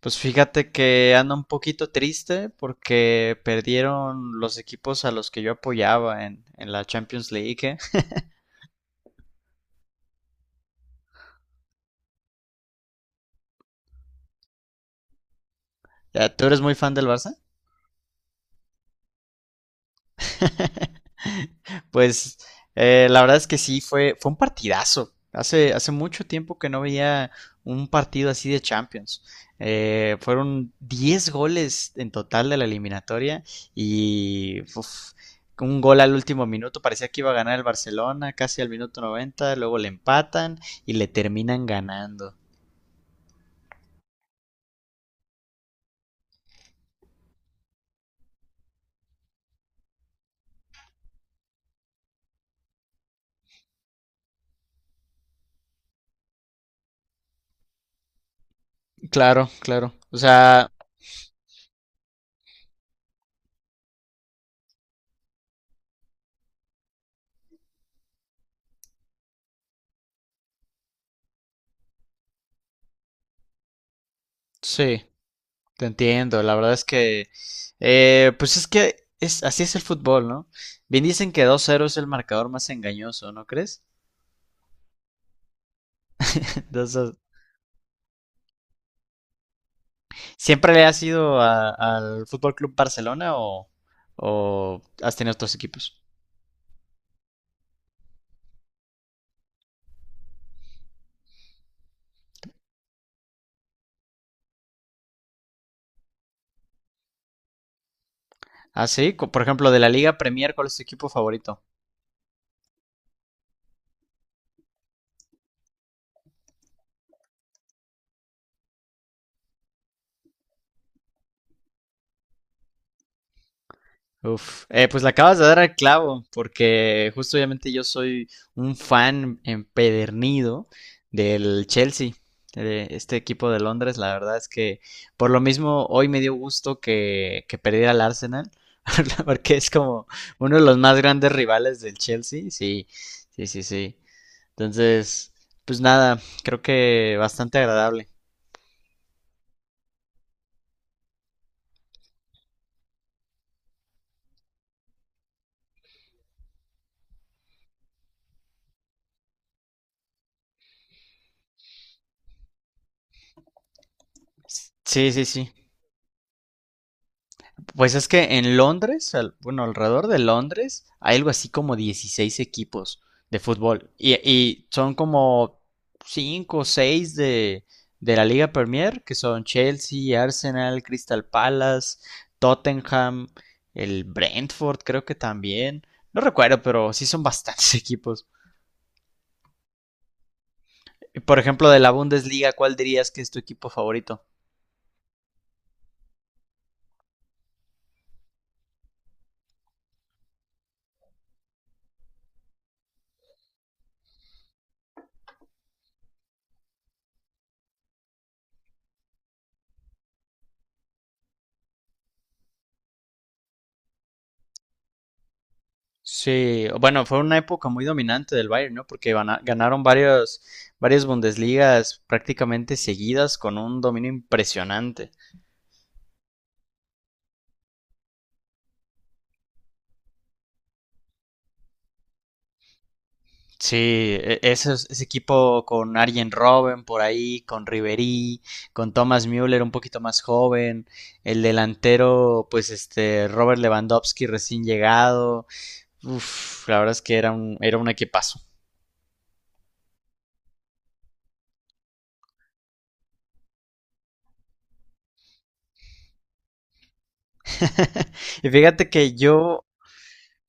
Pues fíjate que anda un poquito triste porque perdieron los equipos a los que yo apoyaba en la Champions League. ¿Eh? Ya, ¿tú eres muy fan del Barça? Pues la verdad es que sí, fue un partidazo. Hace mucho tiempo que no veía un partido así de Champions. Fueron 10 goles en total de la eliminatoria y uf, un gol al último minuto. Parecía que iba a ganar el Barcelona casi al minuto 90, luego le empatan y le terminan ganando. Claro, claro. O sea, sí. Te entiendo, la verdad es que pues así es el fútbol, ¿no? Bien dicen que dos 0 es el marcador más engañoso, ¿no crees? Entonces, ¿siempre le has ido a- al Fútbol Club Barcelona o has tenido otros equipos? Ah, sí, Co- por ejemplo, de la Liga Premier, ¿cuál es tu equipo favorito? Uf, pues le acabas de dar al clavo, porque justo obviamente yo soy un fan empedernido del Chelsea, de este equipo de Londres. La verdad es que por lo mismo hoy me dio gusto que perdiera el Arsenal, porque es como uno de los más grandes rivales del Chelsea. Sí, sí, sí, sí. Entonces, pues nada, creo que bastante agradable. Sí, sí, sí. Pues es que en Londres, al- bueno, alrededor de Londres, hay algo así como 16 equipos de fútbol. Y son como 5 o 6 de la Liga Premier, que son Chelsea, Arsenal, Crystal Palace, Tottenham, el Brentford, creo que también. No recuerdo, pero sí son bastantes equipos. Por ejemplo, de la Bundesliga, ¿cuál dirías que es tu equipo favorito? Sí, bueno, fue una época muy dominante del Bayern, ¿no? Porque van a- ganaron varios, varias Bundesligas prácticamente seguidas con un dominio impresionante. Sí, e- ese, es- ese equipo con Arjen Robben por ahí, con Ribery, con Thomas Müller un poquito más joven, el delantero, pues este, Robert Lewandowski recién llegado. Uf, la verdad es que era un equipazo. Y fíjate que yo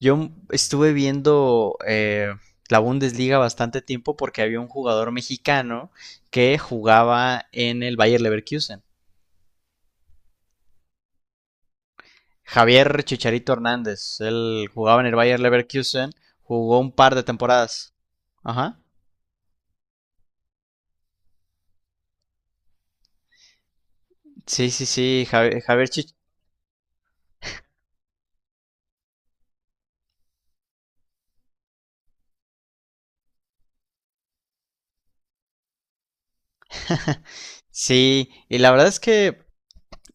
yo estuve viendo la Bundesliga bastante tiempo porque había un jugador mexicano que jugaba en el Bayer Leverkusen. Javier Chicharito Hernández. Él jugaba en el Bayer Leverkusen. Jugó un par de temporadas. Ajá. Sí, sí, sí. Javi- Javier, Chich- Sí. Y la verdad es que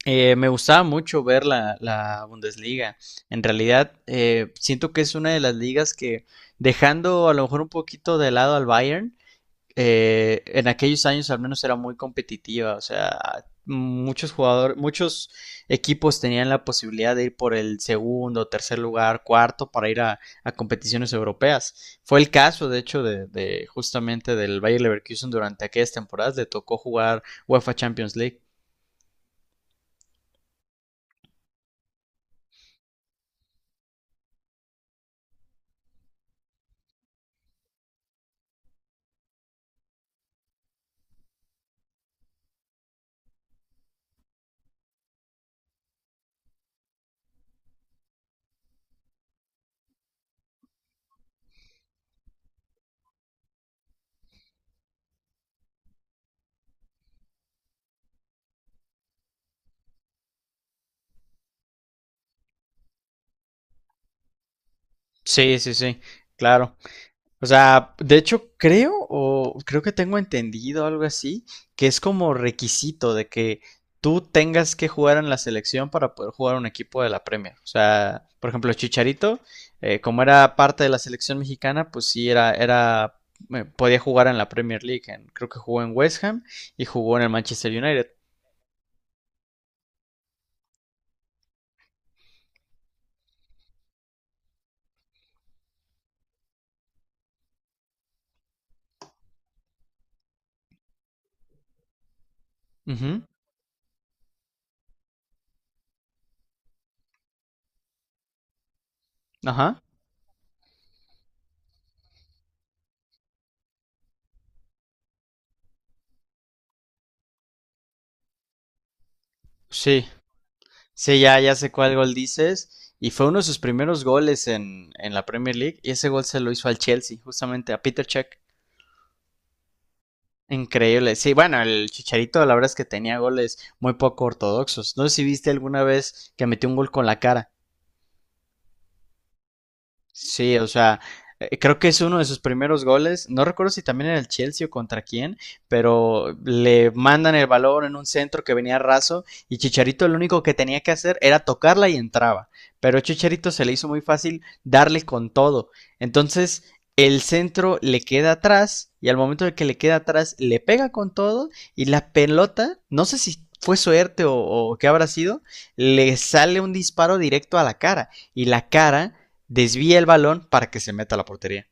me gustaba mucho ver la Bundesliga. En realidad, siento que es una de las ligas que, dejando a lo mejor un poquito de lado al Bayern, en aquellos años al menos era muy competitiva, o sea, muchos jugadores, muchos equipos tenían la posibilidad de ir por el segundo, tercer lugar, cuarto para ir a competiciones europeas. Fue el caso, de hecho, de justamente del Bayer Leverkusen durante aquellas temporadas, le tocó jugar UEFA Champions League. Sí, sí, sí, claro. O sea, de hecho creo que tengo entendido algo así, que es como requisito de que tú tengas que jugar en la selección para poder jugar un equipo de la Premier. O sea, por ejemplo, Chicharito, como era parte de la selección mexicana, pues sí era era podía jugar en la Premier League. En- creo que jugó en West Ham y jugó en el Manchester United. Ujú. Ajá. Sí. Sí, ya, ya sé cuál gol dices. Y fue uno de sus primeros goles en la Premier League. Y ese gol se lo hizo al Chelsea, justamente a Peter Cech. Increíble. Sí, bueno, el Chicharito, la verdad es que tenía goles muy poco ortodoxos. No sé si viste alguna vez que metió un gol con la cara. Sí, o sea, creo que es uno de sus primeros goles. No recuerdo si también era el Chelsea o contra quién, pero le mandan el balón en un centro que venía raso y Chicharito lo único que tenía que hacer era tocarla y entraba. Pero a Chicharito se le hizo muy fácil darle con todo. Entonces, el centro le queda atrás y al momento de que le queda atrás le pega con todo y la pelota, no sé si fue suerte o qué habrá sido, le sale un disparo directo a la cara y la cara desvía el balón para que se meta a la portería.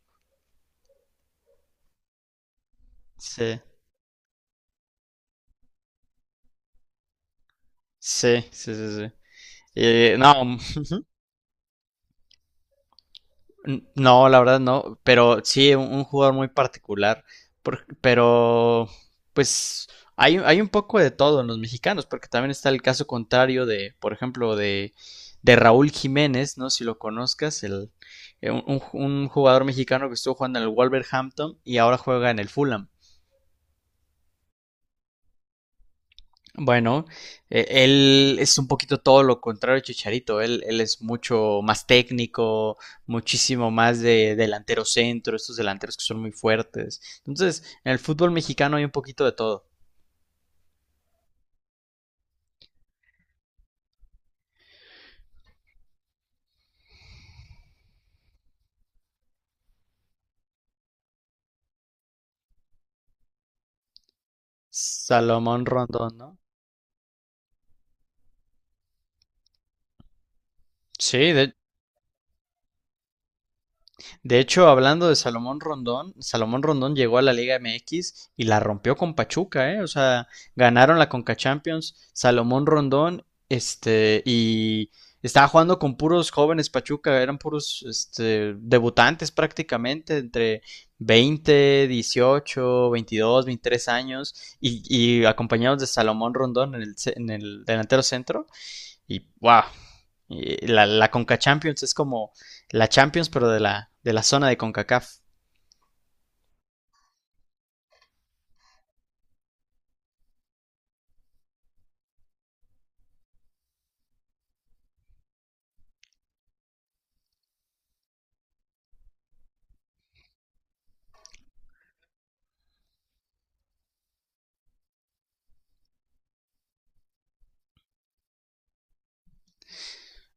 Sí, sí, sí, sí. Sí. No, no, la verdad no, pero sí, un jugador muy particular, por- pero pues hay un poco de todo en los mexicanos, porque también está el caso contrario de, por ejemplo, de Raúl Jiménez, ¿no? Si lo conozcas, el, un jugador mexicano que estuvo jugando en el Wolverhampton y ahora juega en el Fulham. Bueno, él es un poquito todo lo contrario a Chicharito. Él es mucho más técnico, muchísimo más de delantero centro, estos delanteros que son muy fuertes. Entonces, en el fútbol mexicano hay un poquito de todo. Salomón Rondón, ¿no? Sí, de hecho, hablando de Salomón Rondón, Salomón Rondón llegó a la Liga MX y la rompió con Pachuca, ¿eh? O sea, ganaron la Conca Champions, Salomón Rondón, este, y estaba jugando con puros jóvenes Pachuca, eran puros, este, debutantes prácticamente, entre 20, 18, 22, 23 años, y acompañados de Salomón Rondón en en el delantero centro. Y wow, la, la Conca Champions es como la Champions, pero de la zona de CONCACAF.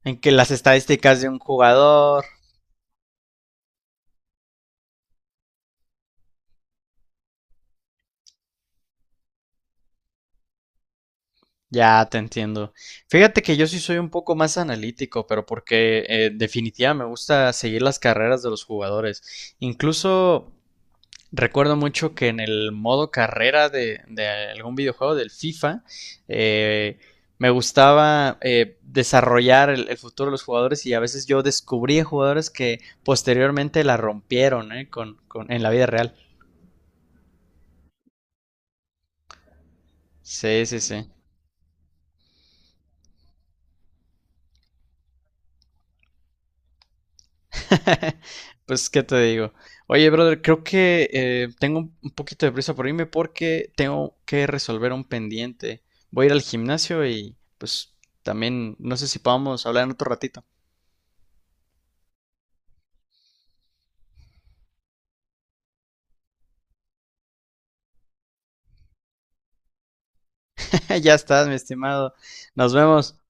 En que las estadísticas de un jugador. Ya te entiendo. Fíjate que yo sí soy un poco más analítico, pero porque definitivamente me gusta seguir las carreras de los jugadores. Incluso recuerdo mucho que en el modo carrera de algún videojuego del FIFA, eh, me gustaba desarrollar futuro de los jugadores y a veces yo descubría jugadores que posteriormente la rompieron, ¿eh?, en la vida real. Sí, sí, sí. Pues, ¿qué te digo? Oye, brother, creo que tengo un poquito de prisa por irme porque tengo que resolver un pendiente. Voy a ir al gimnasio y pues también no sé si podamos hablar en otro ratito. Ya estás, mi estimado. Nos vemos.